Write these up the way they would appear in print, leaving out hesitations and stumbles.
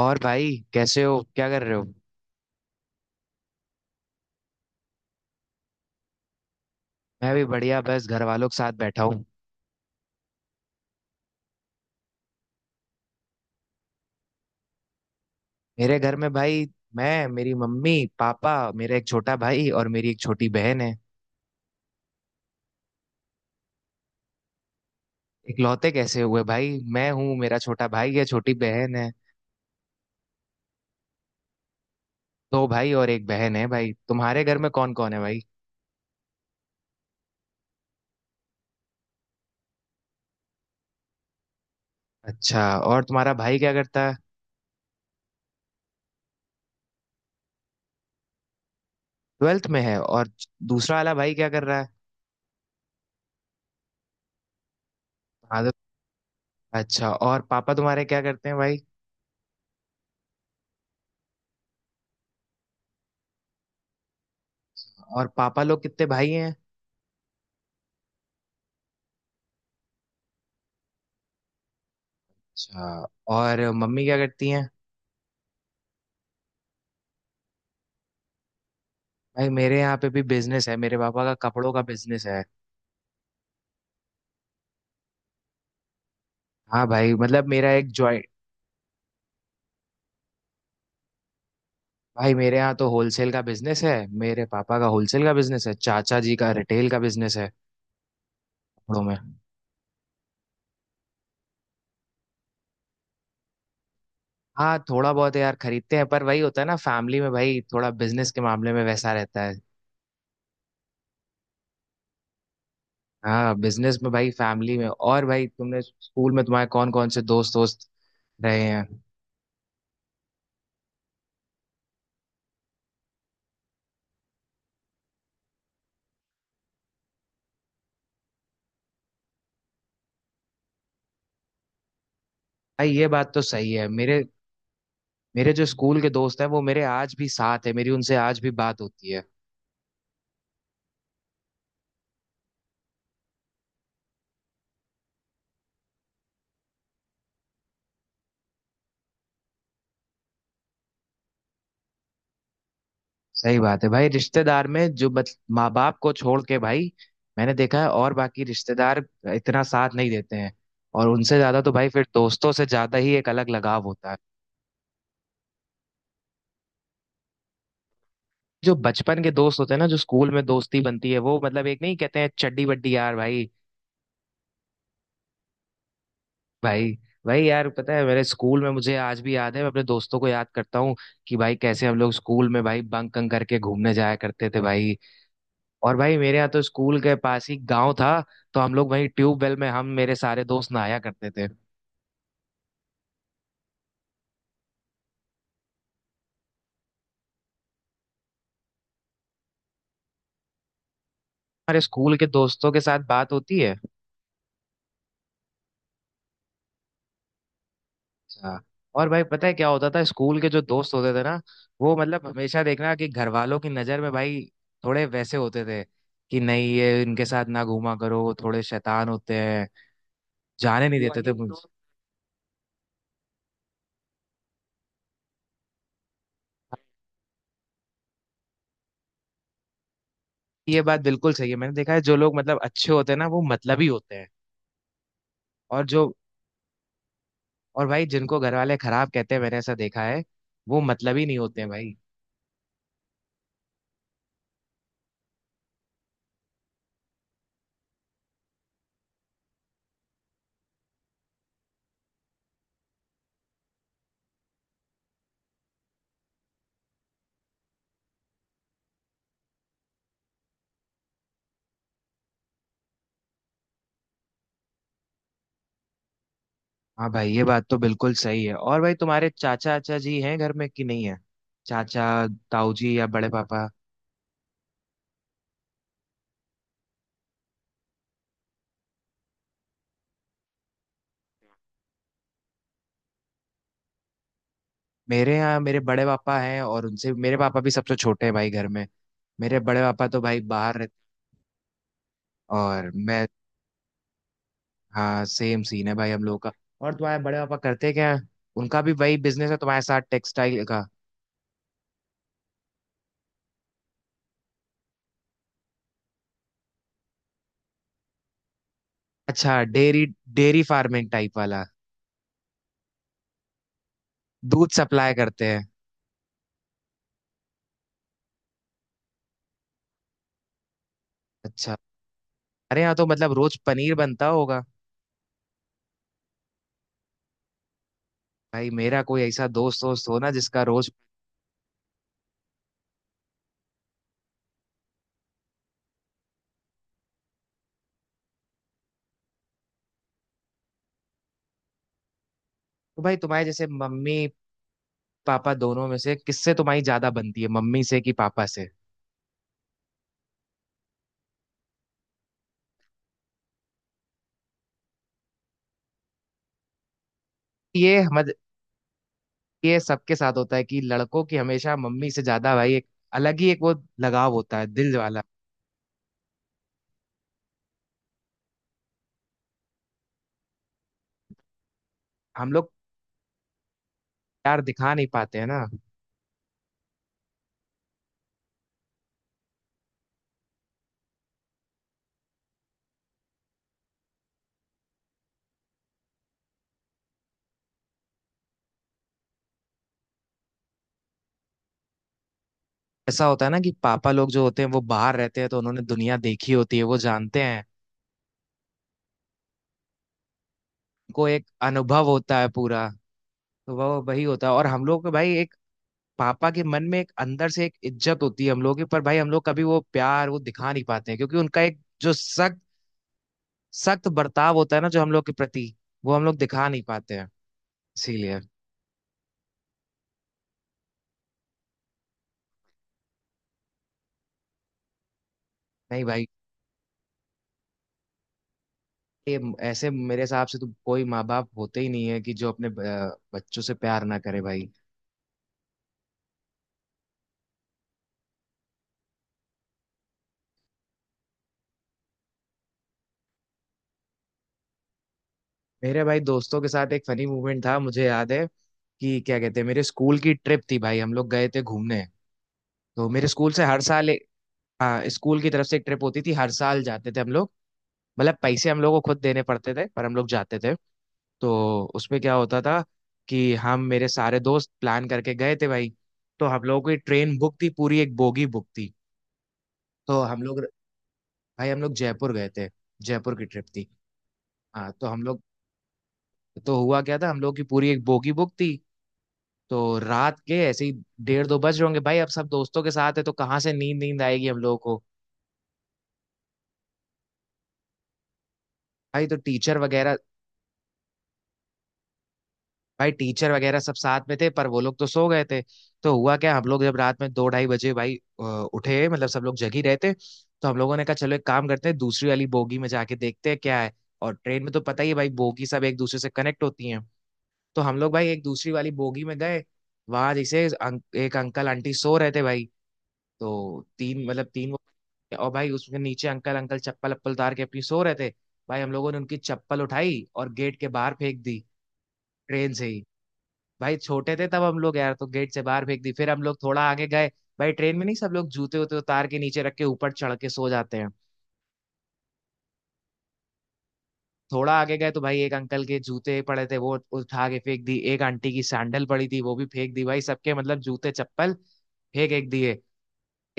और भाई कैसे हो? क्या कर रहे हो? मैं भी बढ़िया, बस घर वालों के साथ बैठा हूँ। मेरे घर में भाई, मैं, मेरी मम्मी, पापा, मेरा एक छोटा भाई और मेरी एक छोटी बहन है। इकलौते कैसे हुए भाई? मैं हूँ, मेरा छोटा भाई है, छोटी बहन है। दो भाई और एक बहन है भाई। तुम्हारे घर में कौन कौन है भाई? अच्छा, और तुम्हारा भाई क्या करता है? 12th में है, और दूसरा वाला भाई क्या कर रहा है? हाँ तो- अच्छा, और पापा तुम्हारे क्या करते हैं भाई? और पापा लोग कितने भाई हैं? अच्छा, और मम्मी क्या करती हैं? भाई, मेरे यहाँ पे भी बिजनेस है, मेरे पापा का कपड़ों का बिजनेस है। हाँ भाई, मतलब मेरा एक जॉइंट। भाई, मेरे यहाँ तो होलसेल का बिजनेस है, मेरे पापा का होलसेल का बिजनेस है, चाचा जी का रिटेल का बिजनेस है, कपड़ों में। हाँ, थोड़ा बहुत यार खरीदते हैं, पर वही होता है ना, फैमिली में भाई थोड़ा बिजनेस के मामले में वैसा रहता है। हाँ बिजनेस में भाई, फैमिली में। और भाई तुमने स्कूल में, तुम्हारे कौन कौन से दोस्त दोस्त रहे हैं? भाई ये बात तो सही है। मेरे मेरे जो स्कूल के दोस्त हैं वो मेरे आज भी साथ है, मेरी उनसे आज भी बात होती है। सही बात है भाई, रिश्तेदार में जो बच, माँ बाप को छोड़ के भाई मैंने देखा है, और बाकी रिश्तेदार इतना साथ नहीं देते हैं। और उनसे ज्यादा तो भाई फिर दोस्तों से ज्यादा ही एक अलग लगाव होता है। जो बचपन के दोस्त होते हैं ना, जो स्कूल में दोस्ती बनती है, वो मतलब एक, नहीं कहते हैं चड्डी बड्डी, यार भाई। भाई भाई यार, पता है मेरे स्कूल में मुझे आज भी याद है, मैं अपने दोस्तों को याद करता हूँ कि भाई कैसे हम लोग स्कूल में भाई बंक करके घूमने जाया करते थे भाई। और भाई मेरे यहाँ तो स्कूल के पास ही गांव था, तो हम लोग वहीं ट्यूबवेल में, हम मेरे सारे दोस्त नहाया करते थे। हमारे स्कूल के दोस्तों के साथ बात होती है। अच्छा। और भाई पता है क्या होता था? स्कूल के जो दोस्त होते थे ना, वो मतलब हमेशा देखना कि घर वालों की नजर में भाई थोड़े वैसे होते थे, कि नहीं ये, इनके साथ ना घूमा करो, थोड़े शैतान होते हैं, जाने नहीं देते थे मुझे। ये बात बिल्कुल सही है, मैंने देखा है, जो लोग मतलब अच्छे होते हैं ना, वो मतलबी होते हैं। और जो, और भाई जिनको घर वाले खराब कहते हैं, मैंने ऐसा देखा है, वो मतलब ही नहीं होते हैं भाई। हाँ भाई ये बात तो बिल्कुल सही है। और भाई तुम्हारे चाचा चाचा जी हैं घर में कि नहीं है? चाचा, ताऊ जी, या बड़े पापा? मेरे यहाँ मेरे बड़े पापा हैं, और उनसे मेरे पापा भी सबसे छोटे हैं भाई घर में। मेरे बड़े पापा तो भाई बाहर रहते, और मैं, हाँ सेम सीन है भाई हम लोगों का। और तुम्हारे बड़े पापा करते क्या हैं? उनका भी वही बिजनेस है तुम्हारे साथ, टेक्सटाइल का? अच्छा, डेयरी। डेयरी फार्मिंग टाइप वाला? दूध सप्लाई करते हैं? अच्छा। अरे यहाँ तो मतलब रोज पनीर बनता होगा। भाई मेरा कोई ऐसा दोस्त दोस्त हो ना जिसका रोज। तो भाई तुम्हारे जैसे, मम्मी पापा दोनों में से किससे तुम्हारी ज्यादा बनती है, मम्मी से कि पापा से? ये मत ये सबके साथ होता है कि लड़कों की हमेशा मम्मी से ज्यादा भाई एक अलग ही एक वो लगाव होता है दिल वाला। हम लोग प्यार दिखा नहीं पाते हैं ना। ऐसा होता है ना कि पापा लोग जो होते हैं वो बाहर रहते हैं, तो उन्होंने दुनिया देखी होती है, वो जानते हैं, उनको एक अनुभव होता है पूरा। तो वो वही होता है, और हम लोग को भाई एक, पापा के मन में एक अंदर से एक इज्जत होती है हम लोगों की, पर भाई हम लोग कभी वो प्यार वो दिखा नहीं पाते हैं, क्योंकि उनका एक जो सख्त सख्त बर्ताव होता है ना जो हम लोग के प्रति, वो हम लोग दिखा नहीं पाते हैं, इसीलिए। नहीं भाई, ये, ऐसे मेरे हिसाब से तो कोई माँ बाप होते ही नहीं है कि जो अपने बच्चों से प्यार ना करे भाई। मेरे भाई दोस्तों के साथ एक फनी मूवमेंट था, मुझे याद है कि क्या कहते हैं, मेरे स्कूल की ट्रिप थी भाई, हम लोग गए थे घूमने। तो मेरे स्कूल से हर साल हाँ स्कूल की तरफ से एक ट्रिप होती थी, हर साल जाते थे हम लोग। मतलब पैसे हम लोग को खुद देने पड़ते थे, पर हम लोग जाते थे। तो उसमें क्या होता था कि हम मेरे सारे दोस्त प्लान करके गए थे भाई। तो हम लोगों की ट्रेन बुक थी, पूरी एक बोगी बुक थी। तो हम लोग भाई, हम लोग जयपुर गए थे, जयपुर की ट्रिप थी। हाँ तो हम लोग, तो हुआ क्या था, हम लोग की पूरी एक बोगी बुक थी। तो रात के ऐसे ही डेढ़ दो बज रहे होंगे भाई, अब सब दोस्तों के साथ है तो कहाँ से नींद नींद आएगी हम लोगों को? भाई तो टीचर वगैरह, भाई टीचर वगैरह सब साथ में थे पर वो लोग तो सो गए थे। तो हुआ क्या, हम लोग जब रात में दो ढाई बजे भाई अ, उठे, मतलब सब लोग जग ही रहे थे। तो हम लोगों ने कहा चलो एक काम करते हैं, दूसरी वाली बोगी में जाके देखते हैं क्या है। और ट्रेन में तो पता ही है भाई, बोगी सब एक दूसरे से कनेक्ट होती हैं। तो हम लोग भाई एक दूसरी वाली बोगी में गए। वहां जैसे एक अंकल आंटी सो रहे थे भाई। तो तीन मतलब तीन वो, और भाई उसके नीचे अंकल अंकल चप्पल अप्पल उतार के अपनी सो रहे थे। भाई हम लोगों ने उनकी चप्पल उठाई और गेट के बाहर फेंक दी, ट्रेन से ही। भाई छोटे थे तब हम लोग यार, तो गेट से बाहर फेंक दी, फिर हम लोग थोड़ा आगे गए। भाई ट्रेन में नहीं, सब लोग जूते उते उतार के नीचे रख के ऊपर चढ़ के सो जाते हैं। थोड़ा आगे गए तो भाई एक अंकल के जूते पड़े थे वो उठा के फेंक दी, एक आंटी की सैंडल पड़ी थी वो भी फेंक दी भाई, सबके मतलब जूते चप्पल फेंक एक दिए।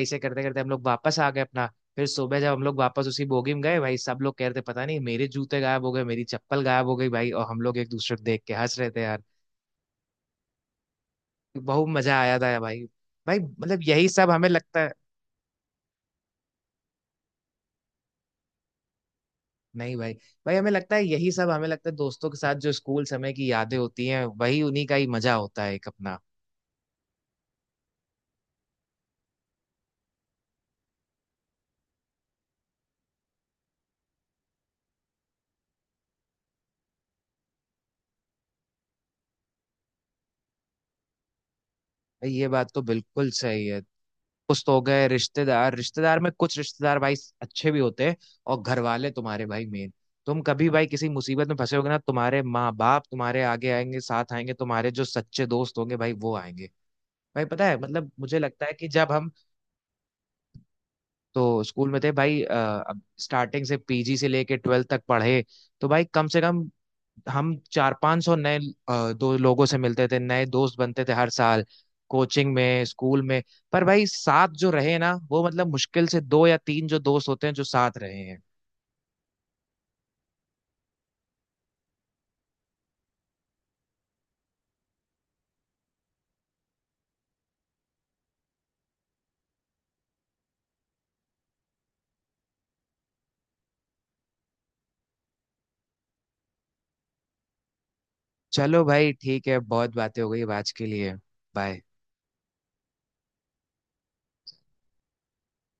ऐसे करते करते हम लोग वापस आ गए अपना। फिर सुबह जब हम लोग वापस उसी बोगी में गए, भाई सब लोग कह रहे थे पता नहीं मेरे जूते गायब हो गए, मेरी चप्पल गायब हो गई भाई, और हम लोग एक दूसरे को देख के हंस रहे थे यार। बहुत मजा आया था यार भाई। भाई मतलब यही सब हमें लगता है। नहीं भाई, भाई हमें लगता है यही सब, हमें लगता है दोस्तों के साथ जो स्कूल समय की यादें होती हैं वही, उन्हीं का ही मजा होता है, एक अपना। भाई ये बात तो बिल्कुल सही है। कुछ तो हो गए रिश्तेदार, में कुछ रिश्तेदार भाई अच्छे भी होते हैं। और घर वाले तुम्हारे भाई मेन, तुम कभी भाई किसी मुसीबत में फंसे होगे ना, तुम्हारे माँ बाप तुम्हारे आगे आएंगे, साथ आएंगे, तुम्हारे जो सच्चे दोस्त होंगे भाई वो आएंगे। भाई पता है, मतलब मुझे लगता है कि जब हम तो स्कूल में थे भाई, स्टार्टिंग से पीजी से लेके 12th तक पढ़े, तो भाई कम से कम हम चार पांच सौ नए दो लोगों से मिलते थे, नए दोस्त बनते थे हर साल, कोचिंग में, स्कूल में। पर भाई साथ जो रहे ना, वो मतलब मुश्किल से दो या तीन जो दोस्त होते हैं जो साथ रहे हैं। चलो भाई ठीक है, बहुत बातें हो गई अब आज के लिए, बाय।